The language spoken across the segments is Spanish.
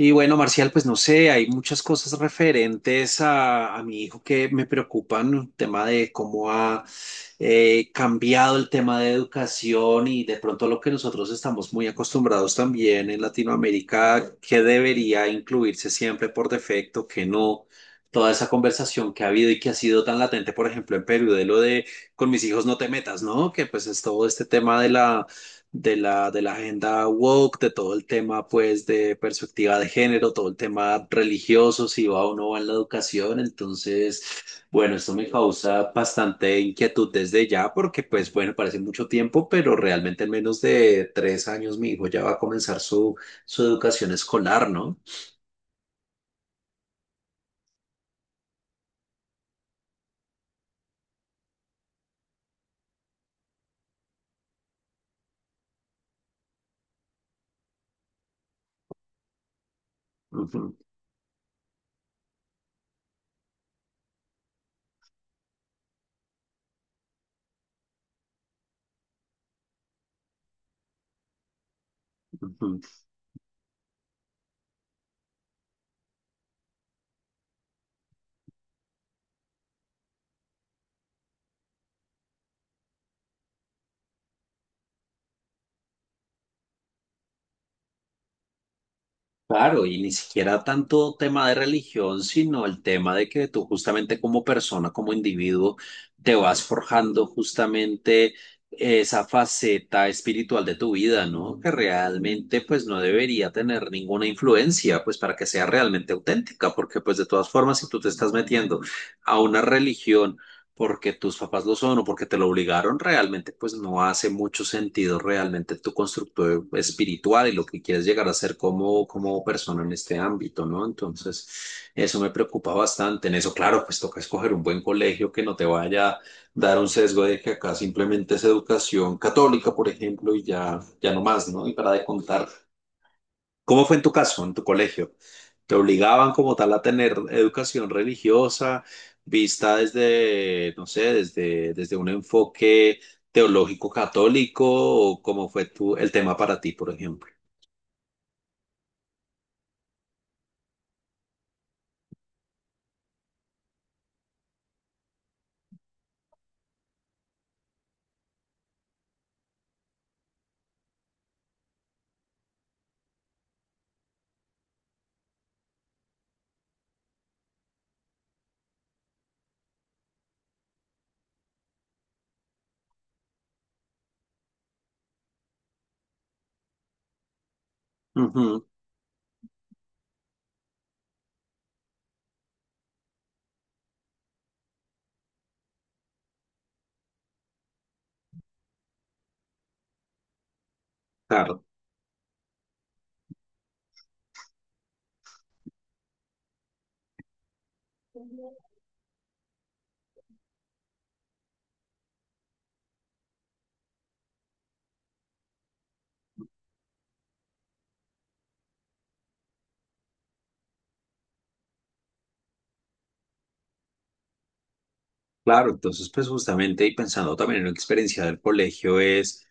Y bueno, Marcial, pues no sé, hay muchas cosas referentes a mi hijo que me preocupan, el tema de cómo ha cambiado el tema de educación y de pronto lo que nosotros estamos muy acostumbrados también en Latinoamérica, que debería incluirse siempre por defecto, que no. Toda esa conversación que ha habido y que ha sido tan latente, por ejemplo, en Perú, de lo de con mis hijos no te metas, ¿no? Que pues es todo este tema de la de la agenda woke, de todo el tema pues de perspectiva de género, todo el tema religioso, si va o no va en la educación. Entonces, bueno, esto me causa bastante inquietud desde ya porque pues bueno, parece mucho tiempo, pero realmente en menos de 3 años mi hijo ya va a comenzar su educación escolar, ¿no? Ujú, ujú. Claro, y ni siquiera tanto tema de religión, sino el tema de que tú justamente como persona, como individuo, te vas forjando justamente esa faceta espiritual de tu vida, ¿no? Que realmente pues no debería tener ninguna influencia, pues para que sea realmente auténtica, porque pues de todas formas, si tú te estás metiendo a una religión, porque tus papás lo son o porque te lo obligaron, realmente pues no hace mucho sentido realmente tu constructo espiritual y lo que quieres llegar a ser como persona en este ámbito, ¿no? Entonces, eso me preocupa bastante. En eso, claro, pues toca escoger un buen colegio que no te vaya a dar un sesgo de que acá simplemente es educación católica, por ejemplo, y ya, ya no más, ¿no? Y para de contar. ¿Cómo fue en tu caso, en tu colegio? ¿Te obligaban como tal a tener educación religiosa vista desde, no sé, desde un enfoque teológico católico o cómo fue tu, el tema para ti, por ejemplo? Ujú, claro. Claro, entonces pues justamente y pensando también en la experiencia del colegio es,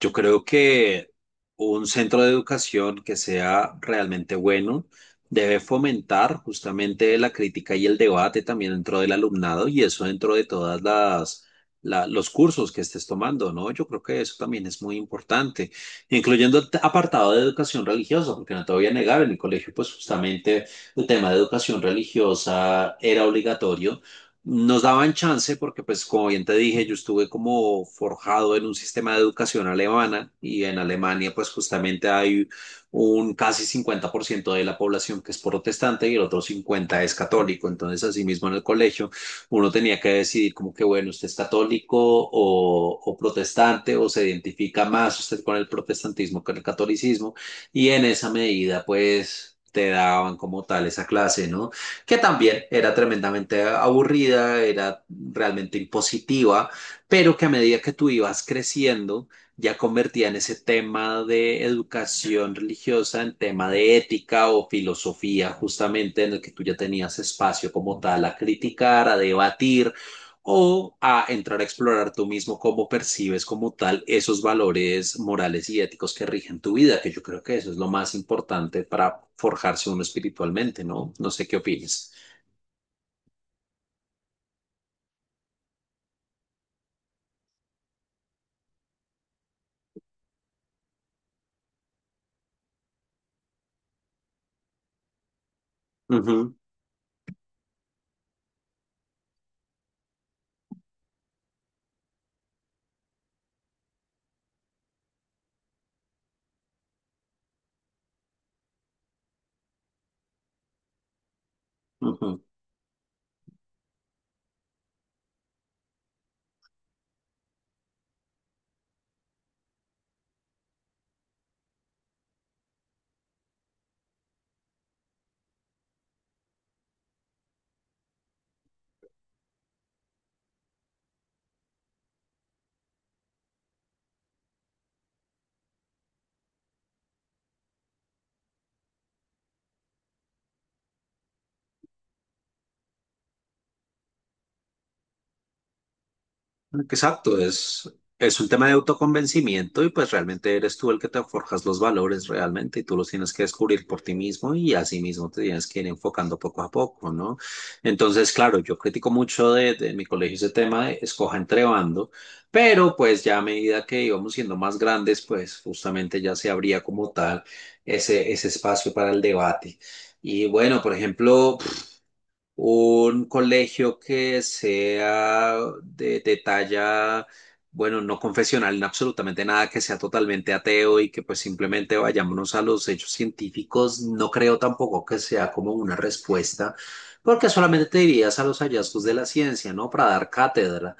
yo creo que un centro de educación que sea realmente bueno debe fomentar justamente la crítica y el debate también dentro del alumnado y eso dentro de todas las los cursos que estés tomando, ¿no? Yo creo que eso también es muy importante, incluyendo el apartado de educación religiosa, porque no te voy a negar, en el colegio pues justamente el tema de educación religiosa era obligatorio nos daban chance porque, pues, como bien te dije, yo estuve como forjado en un sistema de educación alemana y en Alemania, pues, justamente hay un casi 50% de la población que es protestante y el otro 50% es católico. Entonces, asimismo, en el colegio, uno tenía que decidir como que, bueno, usted es católico o protestante o se identifica más usted con el protestantismo que con el catolicismo y en esa medida, pues, te daban como tal esa clase, ¿no? Que también era tremendamente aburrida, era realmente impositiva, pero que a medida que tú ibas creciendo, ya convertían ese tema de educación religiosa en tema de ética o filosofía, justamente en el que tú ya tenías espacio como tal a criticar, a debatir o a entrar a explorar tú mismo cómo percibes como tal esos valores morales y éticos que rigen tu vida, que yo creo que eso es lo más importante para forjarse uno espiritualmente, ¿no? No sé qué opinas. Ujú, ujú. Exacto, es un tema de autoconvencimiento y pues realmente eres tú el que te forjas los valores realmente y tú los tienes que descubrir por ti mismo y así mismo te tienes que ir enfocando poco a poco, ¿no? Entonces, claro, yo critico mucho de mi colegio ese tema de escoja entre bando, pero pues ya a medida que íbamos siendo más grandes, pues justamente ya se abría como tal ese espacio para el debate. Y bueno, por ejemplo, un colegio que sea de talla, bueno, no confesional en absolutamente nada, que sea totalmente ateo y que pues simplemente vayámonos a los hechos científicos, no creo tampoco que sea como una respuesta, porque solamente te dirías a los hallazgos de la ciencia, ¿no? Para dar cátedra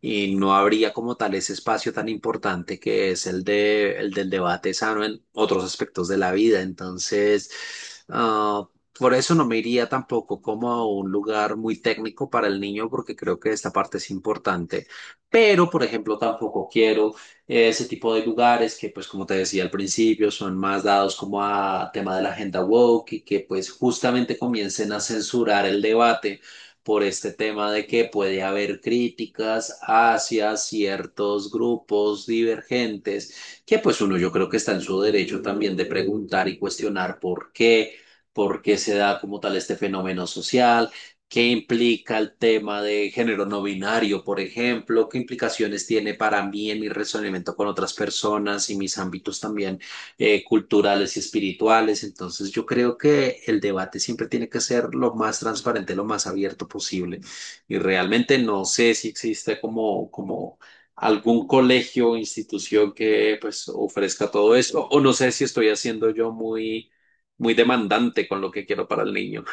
y no habría como tal ese espacio tan importante que es el de, el del debate sano en otros aspectos de la vida. Entonces, ah, por eso no me iría tampoco como a un lugar muy técnico para el niño, porque creo que esta parte es importante. Pero, por ejemplo, tampoco quiero ese tipo de lugares que, pues, como te decía al principio, son más dados como a tema de la agenda woke y que, pues, justamente comiencen a censurar el debate por este tema de que puede haber críticas hacia ciertos grupos divergentes, que pues uno yo creo que está en su derecho también de preguntar y cuestionar por qué se da como tal este fenómeno social. ¿Qué implica el tema de género no binario, por ejemplo? ¿Qué implicaciones tiene para mí en mi relacionamiento con otras personas y mis ámbitos también? Culturales y espirituales. Entonces yo creo que el debate siempre tiene que ser lo más transparente, lo más abierto posible. Y realmente no sé si existe como algún colegio o institución que pues ofrezca todo eso. O no sé si estoy haciendo yo muy, muy demandante con lo que quiero para el niño.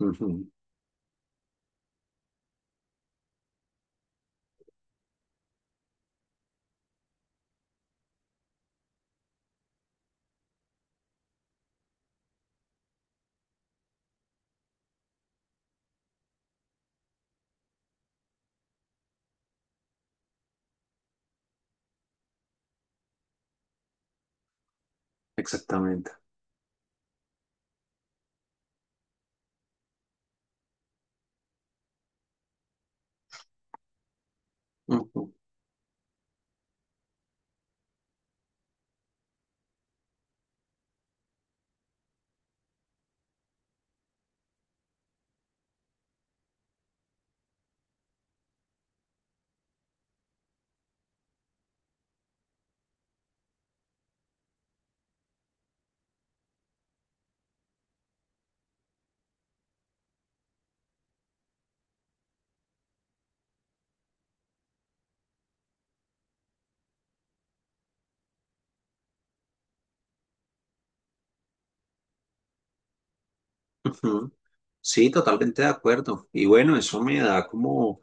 Ujú. Exactamente. Ujú, ujú. Sí, totalmente de acuerdo. Y bueno, eso me da como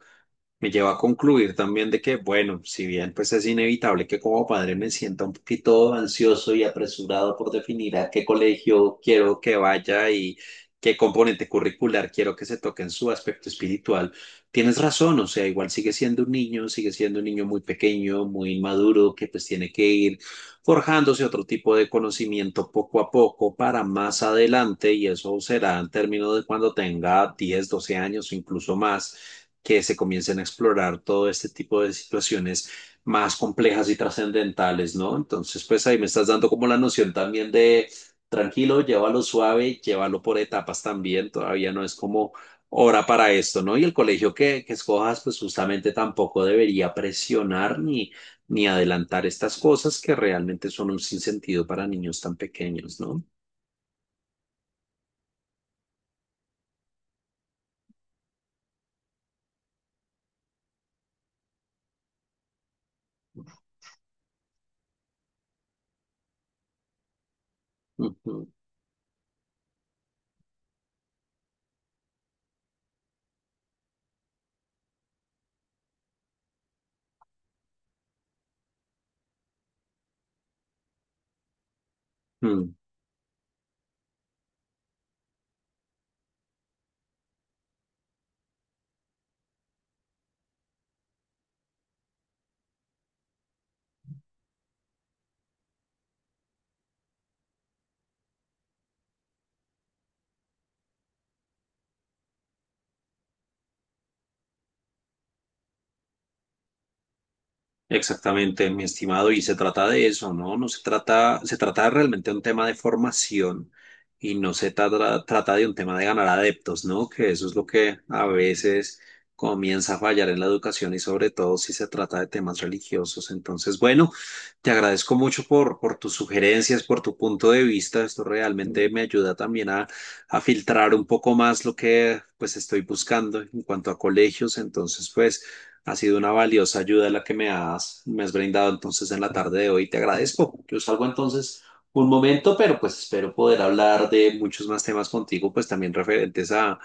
me lleva a concluir también de que, bueno, si bien pues es inevitable que como padre me sienta un poquito ansioso y apresurado por definir a qué colegio quiero que vaya y qué componente curricular quiero que se toque en su aspecto espiritual, tienes razón, o sea, igual sigue siendo un niño, sigue siendo un niño muy pequeño, muy inmaduro, que pues tiene que ir forjándose otro tipo de conocimiento poco a poco para más adelante y eso será en términos de cuando tenga 10, 12 años o incluso más que se comiencen a explorar todo este tipo de situaciones más complejas y trascendentales, ¿no? Entonces, pues ahí me estás dando como la noción también de tranquilo, llévalo suave, llévalo por etapas también, todavía no es como hora para esto, ¿no? Y el colegio que escojas, pues justamente tampoco debería presionar ni, ni adelantar estas cosas que realmente son un sinsentido para niños tan pequeños, ¿no? Ujú. Mm. Exactamente, mi estimado, y se trata de eso, ¿no? No se trata, se trata realmente de un tema de formación y no se trata de un tema de ganar adeptos, ¿no? Que eso es lo que a veces comienza a fallar en la educación y sobre todo si se trata de temas religiosos. Entonces, bueno, te agradezco mucho por tus sugerencias, por tu punto de vista. Esto realmente me ayuda también a filtrar un poco más lo que pues estoy buscando en cuanto a colegios. Entonces, pues... Ha sido una valiosa ayuda la que me has brindado entonces en la tarde de hoy. Te agradezco. Yo salgo entonces un momento, pero pues espero poder hablar de muchos más temas contigo, pues también referentes a,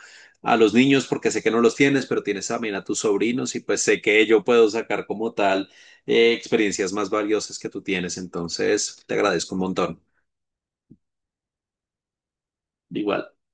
a los niños, porque sé que no los tienes, pero tienes también a tus sobrinos y pues sé que yo puedo sacar como tal experiencias más valiosas que tú tienes. Entonces, te agradezco un montón. Igual.